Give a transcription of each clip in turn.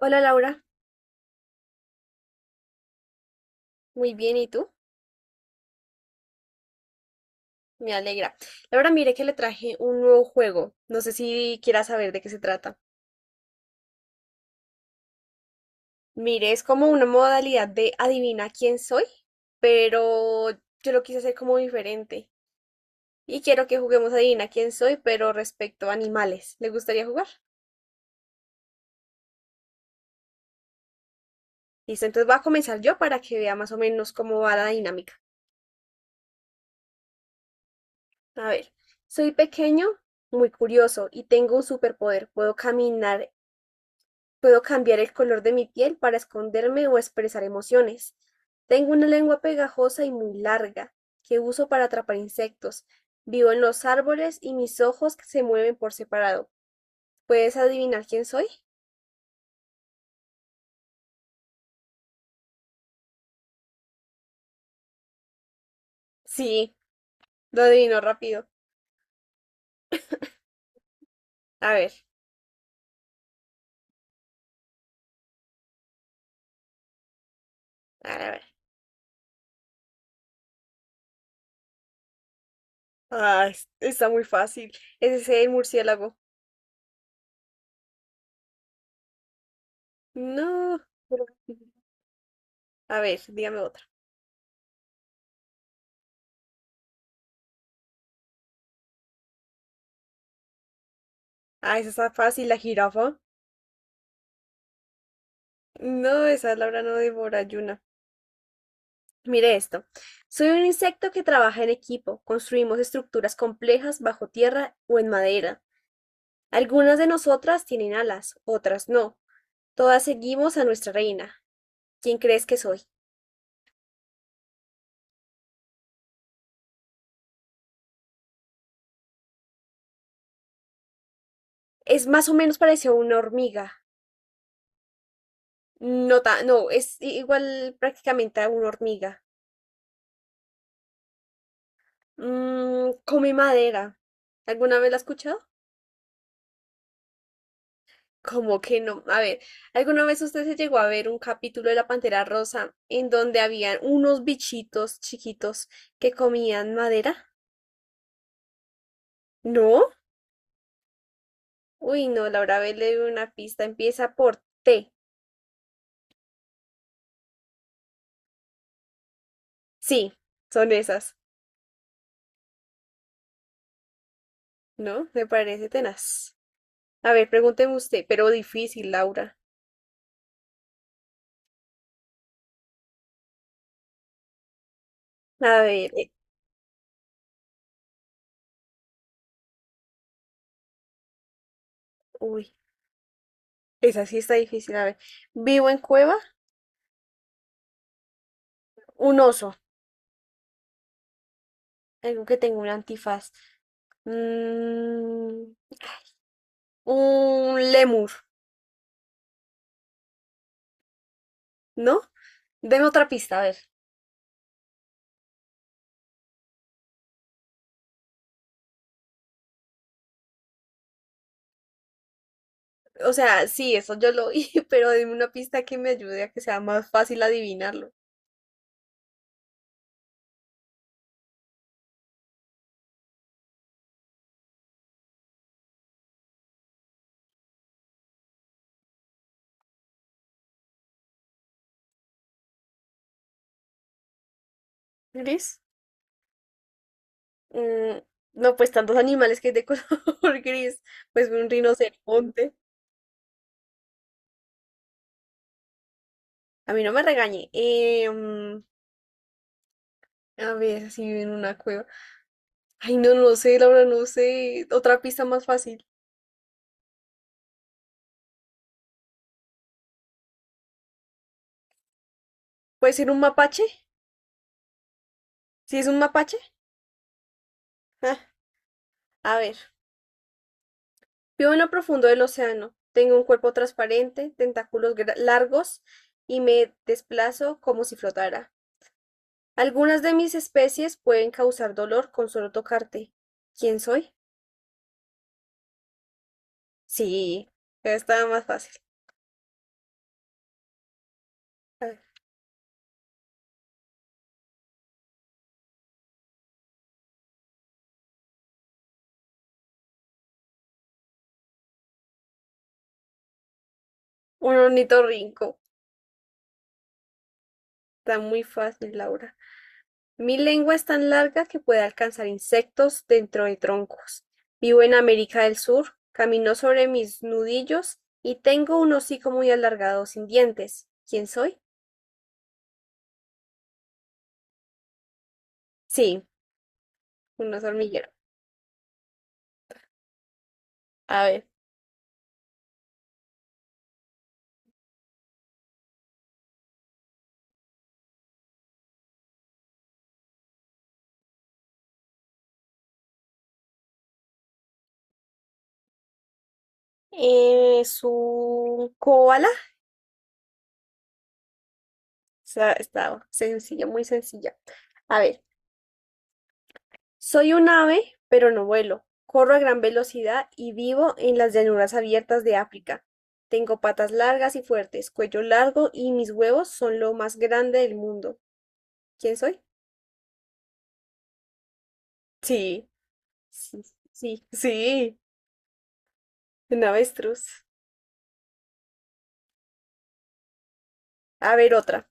Hola, Laura, muy bien, ¿y tú? Me alegra. Laura, mire que le traje un nuevo juego. No sé si quieras saber de qué se trata. Mire, es como una modalidad de adivina quién soy, pero yo lo quise hacer como diferente. Y quiero que juguemos a adivina quién soy, pero respecto a animales. ¿Le gustaría jugar? Listo, entonces voy a comenzar yo para que vea más o menos cómo va la dinámica. A ver, soy pequeño, muy curioso y tengo un superpoder. Puedo caminar. Puedo cambiar el color de mi piel para esconderme o expresar emociones. Tengo una lengua pegajosa y muy larga, que uso para atrapar insectos. Vivo en los árboles y mis ojos se mueven por separado. ¿Puedes adivinar quién soy? Sí, lo adivinó rápido. A ver, a ver, a ver. Ah, está muy fácil. Ese es el murciélago. No. pero- A ver, dígame otra. Ah, esa está fácil, la jirafa. No, esa Laura no devora y mire esto. Soy un insecto que trabaja en equipo. Construimos estructuras complejas bajo tierra o en madera. Algunas de nosotras tienen alas, otras no. Todas seguimos a nuestra reina. ¿Quién crees que soy? Es más o menos parecido a una hormiga. No, no, es igual prácticamente a una hormiga. Mm, come madera. ¿Alguna vez la has escuchado? Como que no. A ver, ¿alguna vez usted se llegó a ver un capítulo de La Pantera Rosa en donde habían unos bichitos chiquitos que comían madera? ¿No? Uy, no, Laura B le dio una pista. Empieza por T. Sí, son esas, ¿no? Me parece tenaz. A ver, pregúnteme usted, pero difícil, Laura. A ver, uy, esa sí está difícil. A ver, ¿vivo en cueva? Un oso, algo que tenga un antifaz. Mm, un lemur. ¿No? Deme otra pista, a ver. O sea, sí, eso yo lo oí, pero dime una pista que me ayude a que sea más fácil adivinarlo. ¿Gris? Mm, no, pues tantos animales que hay de color gris. Pues un rinoceronte. A mí no me regañe. A ver, si vive en una cueva. Ay, no, no sé, Laura, no sé. Otra pista más fácil. ¿Puede ser un mapache? ¿Si es un mapache? Ah, a ver. Vivo en lo profundo del océano. Tengo un cuerpo transparente, tentáculos largos y me desplazo como si flotara. Algunas de mis especies pueden causar dolor con solo tocarte. ¿Quién soy? Sí, estaba más fácil. A ver, un ornitorrinco. Está muy fácil, Laura. Mi lengua es tan larga que puede alcanzar insectos dentro de troncos. Vivo en América del Sur, camino sobre mis nudillos y tengo un hocico muy alargado sin dientes. ¿Quién soy? Sí, un oso hormiguero. A ver. Es un koala. Está, está sencilla, muy sencilla. A ver. Soy un ave, pero no vuelo. Corro a gran velocidad y vivo en las llanuras abiertas de África. Tengo patas largas y fuertes, cuello largo y mis huevos son lo más grande del mundo. ¿Quién soy? Sí, sí, sí, sí, un avestruz. A ver, otra.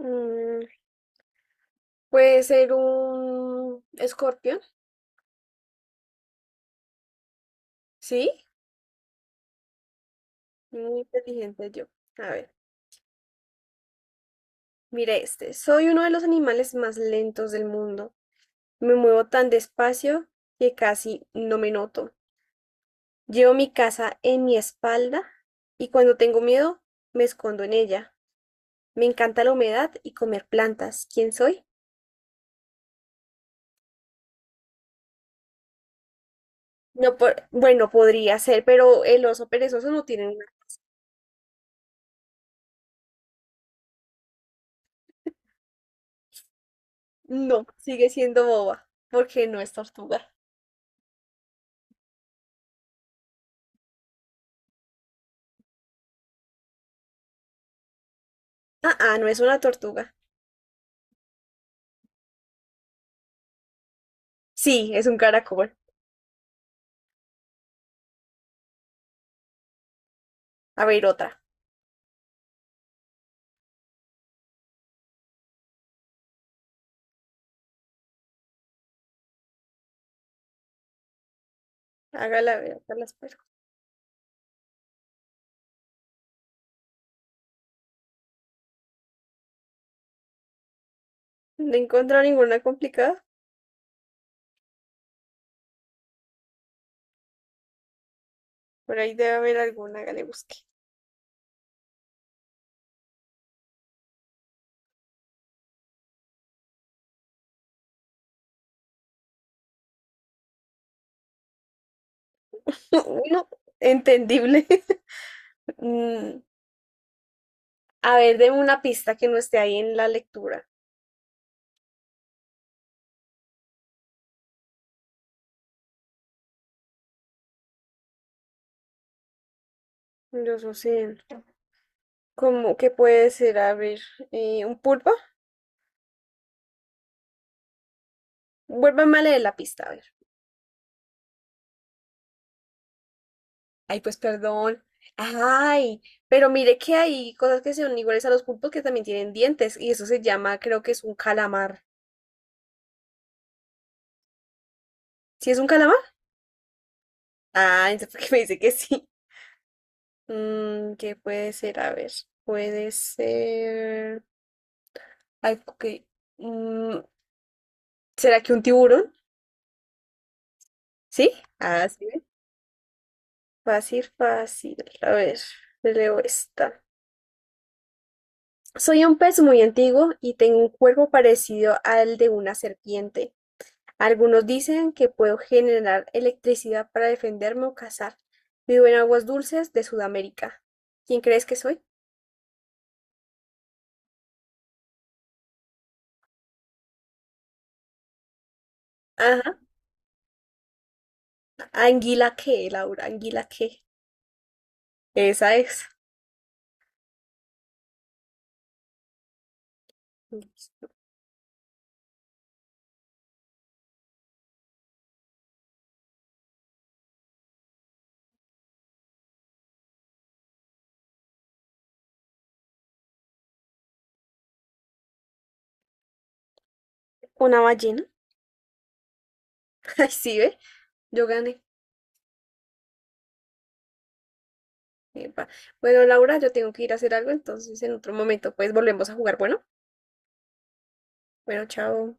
Mm, puede ser un escorpión, ¿sí? Muy inteligente yo. A ver, mira este. Soy uno de los animales más lentos del mundo. Me muevo tan despacio que casi no me noto. Llevo mi casa en mi espalda y cuando tengo miedo me escondo en ella. Me encanta la humedad y comer plantas. ¿Quién soy? No, por... bueno, podría ser, pero el oso perezoso no tiene una. No, sigue siendo boba, porque no es tortuga. Ah, ah, no es una tortuga. Sí, es un caracol. A ver, otra. Hágala ver, hágala, pues. No encuentro ninguna complicada. Por ahí debe haber alguna que le busque. Uno, entendible. Mm, a ver, deme una pista que no esté ahí en la lectura. Yo no sé. ¿Cómo que puede ser? A ver, ¿un pulpo? Vuélvame a leer la pista, a ver. Ay, pues perdón. Ay, pero mire que hay cosas que son iguales a los pulpos que también tienen dientes. Y eso se llama, creo que es un calamar. ¿Sí es un calamar? Ah, entonces, ¿por qué me dice que sí? Mm, ¿qué puede ser? A ver, puede ser. Ay, ok. Mm, ¿será que un tiburón? ¿Sí? Ah, sí. ¿Ve? Fácil, fácil. A ver, te leo esta. Soy un pez muy antiguo y tengo un cuerpo parecido al de una serpiente. Algunos dicen que puedo generar electricidad para defenderme o cazar. Vivo en aguas dulces de Sudamérica. ¿Quién crees que soy? Ajá. ¿Anguila qué, Laura? ¿Anguila qué? Esa es. Una ballena. Ay, sí, ve. Yo gané. Epa. Bueno, Laura, yo tengo que ir a hacer algo, entonces en otro momento pues volvemos a jugar. Bueno, bueno, chao.